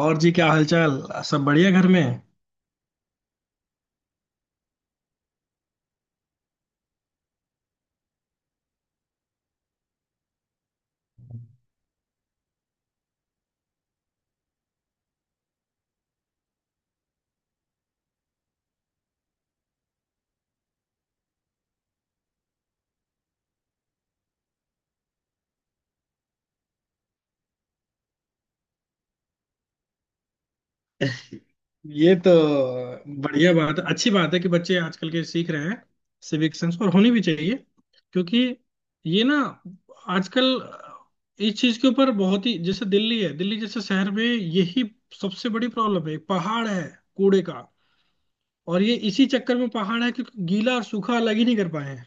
और जी, क्या हालचाल? सब बढ़िया, घर में। ये तो बढ़िया बात है, अच्छी बात है कि बच्चे आजकल के सीख रहे हैं सिविक सेंस, और होनी भी चाहिए। क्योंकि ये ना आजकल इस चीज के ऊपर बहुत ही, जैसे दिल्ली है, दिल्ली जैसे शहर में यही सबसे बड़ी प्रॉब्लम है, पहाड़ है कूड़े का। और ये इसी चक्कर में पहाड़ है क्योंकि गीला और सूखा अलग ही नहीं कर पाए हैं।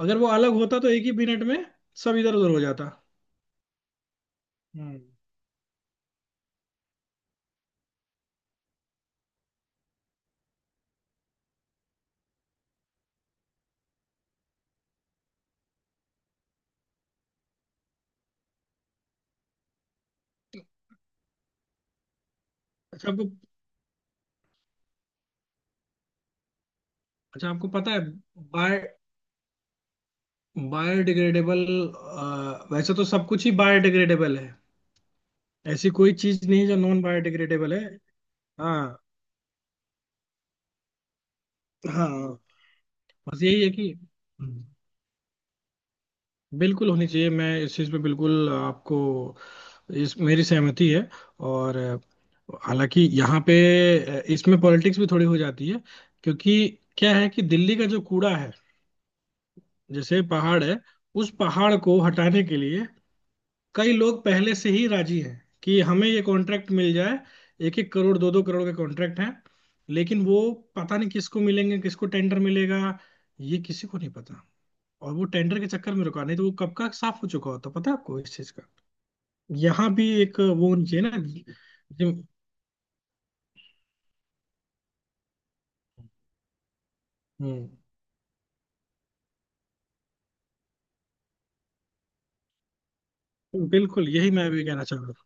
अगर वो अलग होता तो एक ही मिनट में सब इधर उधर हो जाता। हम्म। अच्छा आपको अच्छा आपको पता है। बाय बायोडिग्रेडेबल, वैसे तो सब कुछ ही बायोडिग्रेडेबल है। ऐसी कोई चीज नहीं है जो नॉन बायोडिग्रेडेबल है। हाँ हाँ। बस यही है कि, हम्म। बिल्कुल होनी चाहिए, मैं इस चीज पे बिल्कुल आपको, इस, मेरी सहमति है। और हालांकि यहाँ पे इसमें पॉलिटिक्स भी थोड़ी हो जाती है। क्योंकि क्या है कि दिल्ली का जो कूड़ा है, जैसे पहाड़ है, उस पहाड़ को हटाने के लिए कई लोग पहले से ही राजी हैं कि हमें ये कॉन्ट्रैक्ट मिल जाए। एक एक करोड़, दो दो करोड़ के कॉन्ट्रैक्ट हैं। लेकिन वो, पता नहीं किसको मिलेंगे, किसको टेंडर मिलेगा, ये किसी को नहीं पता। और वो टेंडर के चक्कर में रुका, नहीं तो वो कब का साफ हो चुका होता। पता है आपको इस चीज का? यहाँ भी एक वो होनी चाहिए ना। जिम- हम्म। बिल्कुल यही मैं भी कहना चाह रहा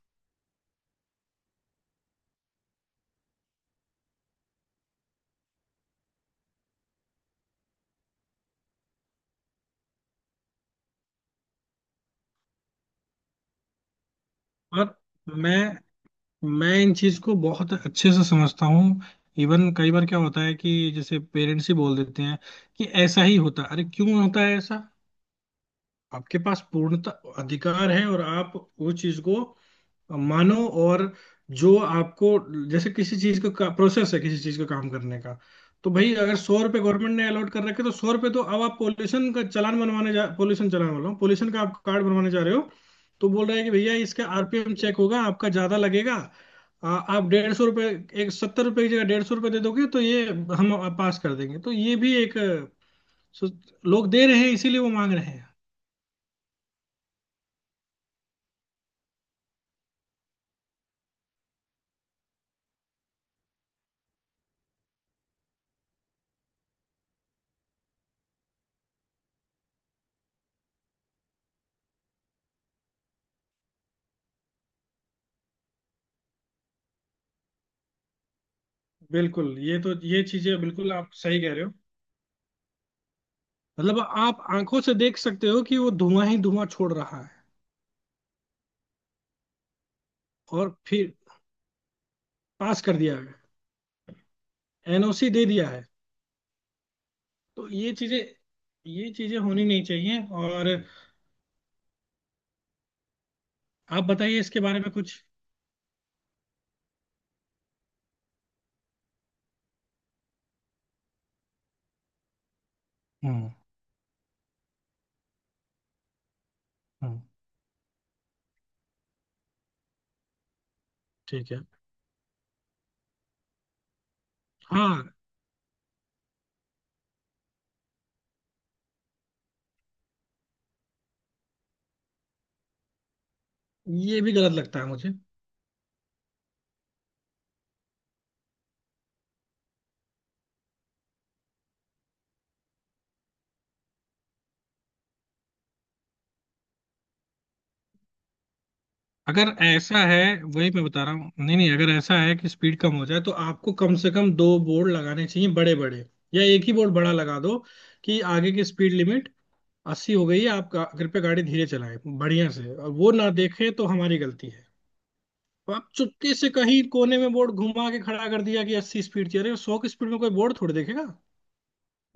हूँ। और मैं मैं इन चीज को बहुत अच्छे से समझता हूँ। इवन कई बार क्या होता है कि जैसे पेरेंट्स ही बोल देते हैं कि ऐसा ही होता है, अरे क्यों होता है ऐसा। आपके पास पूर्णतः अधिकार है और आप उस चीज को मानो, और जो आपको, जैसे किसी चीज का प्रोसेस है, किसी चीज का काम करने का। तो भाई, अगर 100 रुपए गवर्नमेंट ने अलॉट कर रखे तो 100 रुपए। तो अब आप पोल्यूशन का चालान बनवाने जा, पोल्यूशन चालान बोल रहा हूँ, पोल्यूशन का आप कार्ड बनवाने जा रहे हो। तो बोल रहा है कि भैया इसका आरपीएम चेक होगा, आपका ज्यादा लगेगा। आप 150 रुपये, 170 रुपये की जगह 150 रुपये दे दोगे तो ये हम पास कर देंगे। तो ये भी एक, सो- लोग दे रहे हैं इसीलिए वो मांग रहे हैं। बिल्कुल, ये तो ये चीजें बिल्कुल आप सही कह रहे हो। मतलब आप आंखों से देख सकते हो कि वो धुआं ही धुआं छोड़ रहा है, और फिर पास कर दिया है, एनओसी दे दिया है। तो ये चीजें, ये चीजें होनी नहीं चाहिए। और आप बताइए इसके बारे में कुछ। हम्म हम्म। ठीक है। हाँ, ये भी गलत लगता है मुझे। अगर ऐसा है, वही मैं बता रहा हूँ, नहीं नहीं, अगर ऐसा है कि स्पीड कम हो जाए तो आपको कम से कम दो बोर्ड लगाने चाहिए, बड़े बड़े। या एक ही बोर्ड बड़ा लगा दो कि आगे की स्पीड लिमिट 80 हो गई है, आप कृपया गाड़ी धीरे चलाएं बढ़िया से, और वो ना देखे तो हमारी गलती है। तो आप चुपके से कहीं कोने में बोर्ड घुमा के खड़ा कर दिया कि 80 स्पीड की, अरे 100 की स्पीड में कोई बोर्ड थोड़ी देखेगा।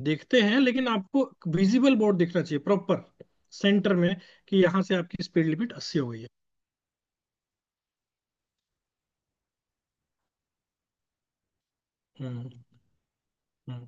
देखते हैं, लेकिन आपको विजिबल बोर्ड दिखना चाहिए, प्रॉपर, सेंटर में, कि यहाँ से आपकी स्पीड लिमिट अस्सी हो गई है। हम्म हम्म।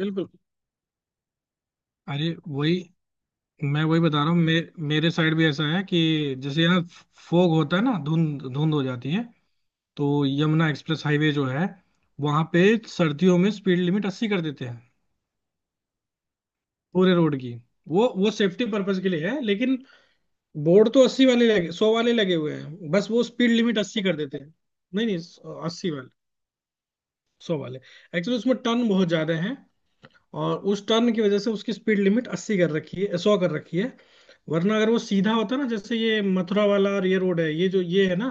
बिल्कुल। अरे वही, मैं वही बता रहा हूँ, मेरे साइड भी ऐसा है कि जैसे यहाँ फोग होता है ना, धुंध धुंध हो जाती है। तो यमुना एक्सप्रेस हाईवे जो है, वहां पे सर्दियों में स्पीड लिमिट अस्सी कर देते हैं पूरे रोड की। वो सेफ्टी पर्पज के लिए है, लेकिन बोर्ड तो 80 वाले लगे, 100 वाले लगे हुए हैं, बस वो स्पीड लिमिट अस्सी कर देते हैं। नहीं नहीं, 80 वाले, 100 वाले। एक्चुअली उसमें टर्न बहुत ज्यादा है, और उस टर्न की वजह से उसकी स्पीड लिमिट अस्सी कर रखी है, 100 कर रखी है। वरना अगर वो सीधा होता ना, जैसे ये मथुरा वाला, और ये रोड है, ये जो ये है ना,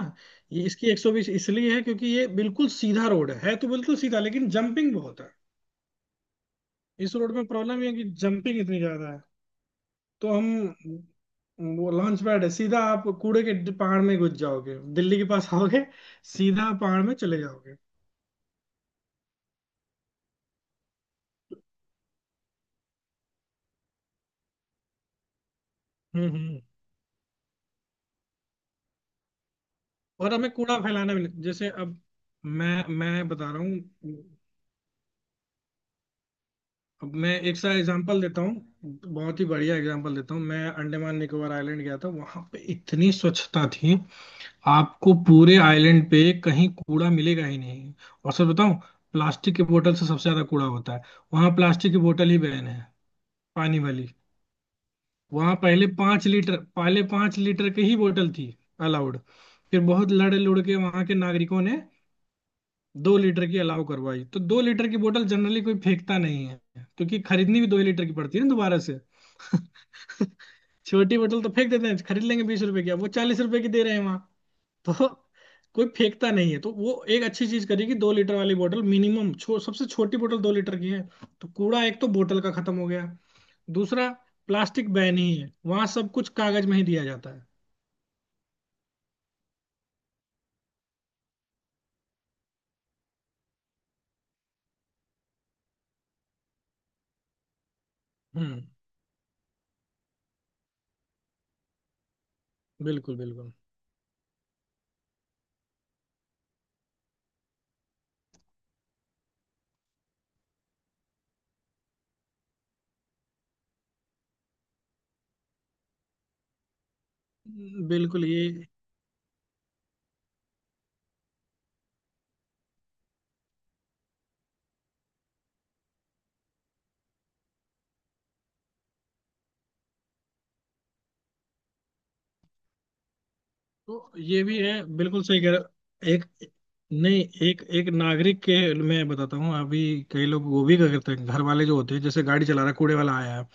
ये इसकी 120 इसलिए है क्योंकि ये बिल्कुल सीधा रोड है तो बिल्कुल सीधा लेकिन जंपिंग बहुत है। इस रोड में प्रॉब्लम ये है कि जंपिंग इतनी ज्यादा है। तो हम, वो लॉन्च पैड है, सीधा आप कूड़े के पहाड़ में घुस जाओगे, दिल्ली के पास आओगे सीधा पहाड़ में चले जाओगे। हम्म। और हमें कूड़ा फैलाना भी नहीं, जैसे अब मैं बता रहा हूँ। अब मैं एक सा एग्जांपल देता हूँ, बहुत ही बढ़िया एग्जांपल देता हूँ। मैं अंडमान निकोबार आइलैंड गया था, वहां पे इतनी स्वच्छता थी, आपको पूरे आइलैंड पे कहीं कूड़ा मिलेगा ही नहीं। और सर बताऊं, प्लास्टिक की बोतल से सबसे ज्यादा कूड़ा होता है, वहां प्लास्टिक की बोतल ही बैन है, पानी वाली। वहां पहले 5 लीटर, पहले 5 लीटर की ही बोतल थी अलाउड। फिर बहुत लड़ लुड़ के वहां के नागरिकों ने 2 लीटर की अलाउ करवाई, तो 2 लीटर की बोतल जनरली कोई फेंकता नहीं है, क्योंकि खरीदनी भी दो ही लीटर की पड़ती है ना दोबारा से। छोटी बोतल तो फेंक देते हैं, खरीद लेंगे 20 रुपए की, अब वो 40 रुपए की दे रहे हैं वहां। तो कोई फेंकता नहीं है। तो वो एक अच्छी चीज करी कि 2 लीटर वाली बोतल मिनिमम, सबसे छोटी बोतल 2 लीटर की है। तो कूड़ा एक तो बोतल का खत्म हो गया। दूसरा, प्लास्टिक बैन ही है वहां, सब कुछ कागज में ही दिया जाता है। हम्म। बिल्कुल बिल्कुल। बिल्कुल ये तो, ये भी है। बिल्कुल सही कह रहे हो। एक, नहीं, एक एक नागरिक के, मैं बताता हूँ अभी। कई लोग वो भी क्या करते हैं, घर वाले जो होते हैं, जैसे गाड़ी चला रहा है, कूड़े वाला आया है।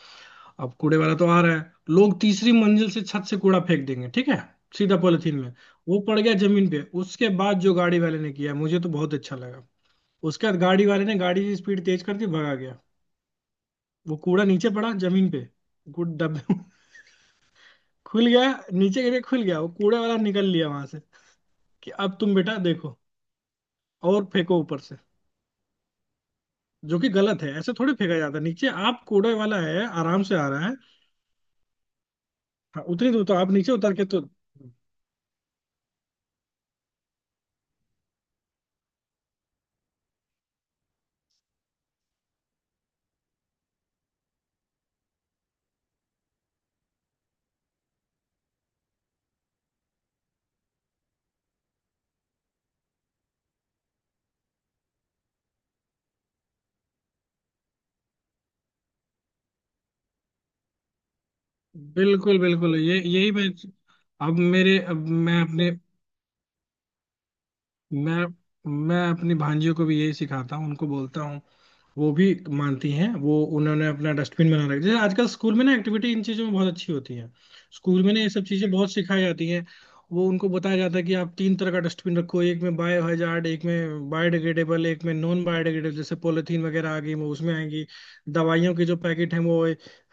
अब कूड़े वाला तो आ रहा है, लोग तीसरी मंजिल से, छत से कूड़ा फेंक देंगे, ठीक है, सीधा पॉलिथीन में। वो पड़ गया जमीन पे, उसके बाद जो गाड़ी वाले ने किया मुझे तो बहुत अच्छा लगा। उसके बाद गाड़ी वाले ने गाड़ी की स्पीड तेज कर दी, भगा गया। वो कूड़ा नीचे पड़ा जमीन पे, गुड डब्बे में खुल गया, नीचे गिरे खुल गया। वो कूड़े वाला निकल लिया वहां से, कि अब तुम बेटा देखो और फेंको ऊपर से। जो कि गलत है, ऐसे थोड़ी फेंका जाता है नीचे, आप, कूड़े वाला है आराम से आ रहा है। हाँ, उतनी दूर तो आप नीचे उतर के तो। बिल्कुल बिल्कुल, ये यही मैं, अब मैं अपने मैं मैं अपनी भांजियों को भी यही सिखाता हूँ, उनको बोलता हूँ। वो भी मानती हैं, वो उन्होंने अपना डस्टबिन बना रखा, जैसे आजकल स्कूल में ना एक्टिविटी इन चीज़ों में बहुत अच्छी होती है। स्कूल में ना ये सब चीज़ें बहुत सिखाई जाती हैं। वो उनको बताया जाता है कि आप तीन तरह का डस्टबिन रखो, एक में बायो हजार्ड, एक में बायोडिग्रेडेबल, एक में नॉन बायोडिग्रेडेबल, जैसे पॉलीथीन वगैरह आ गई वो उसमें आएगी। दवाइयों के जो पैकेट हैं वो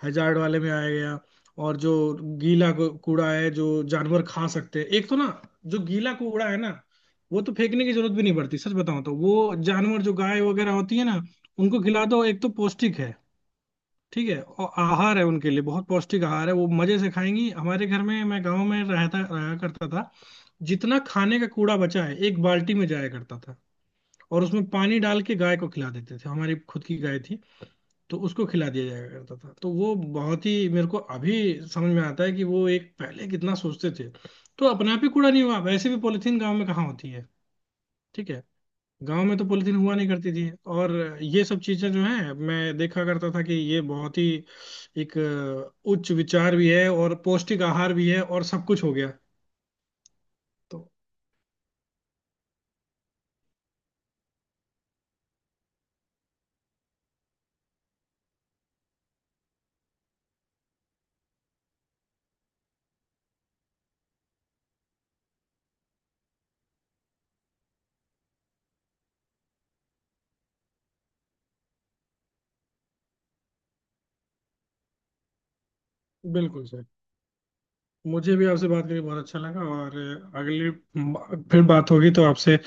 हजार्ड वाले में आ गया। और जो गीला कूड़ा है, जो जानवर खा सकते हैं, एक तो ना, जो गीला कूड़ा है ना, वो तो फेंकने की जरूरत भी नहीं पड़ती सच बताऊं, तो वो जानवर जो गाय वगैरह होती है ना, उनको खिला दो, एक तो पौष्टिक है, ठीक है, और आहार है उनके लिए, बहुत पौष्टिक आहार है, वो मजे से खाएंगी। हमारे घर में, मैं गांव में रहता रहा करता था, जितना खाने का कूड़ा बचा है एक बाल्टी में जाया करता था। और उसमें पानी डाल के गाय को खिला देते थे, हमारी खुद की गाय थी, तो उसको खिला दिया जाया करता था। तो वो बहुत ही, मेरे को अभी समझ में आता है कि वो एक, पहले कितना सोचते थे। तो अपने आप ही कूड़ा नहीं हुआ, वैसे भी पॉलिथीन गाँव में कहाँ होती है, ठीक है। गांव में तो पॉलिथीन हुआ नहीं करती थी। और ये सब चीजें जो हैं, मैं देखा करता था कि ये बहुत ही एक, उच्च विचार भी है, और पौष्टिक आहार भी है, और सब कुछ हो गया। तो बिल्कुल सर, मुझे भी आपसे बात करके बहुत अच्छा लगा। और फिर बात होगी तो आपसे,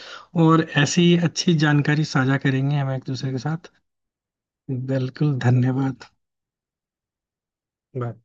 और ऐसी ही अच्छी जानकारी साझा करेंगे हम एक दूसरे के साथ। बिल्कुल, धन्यवाद। बाय।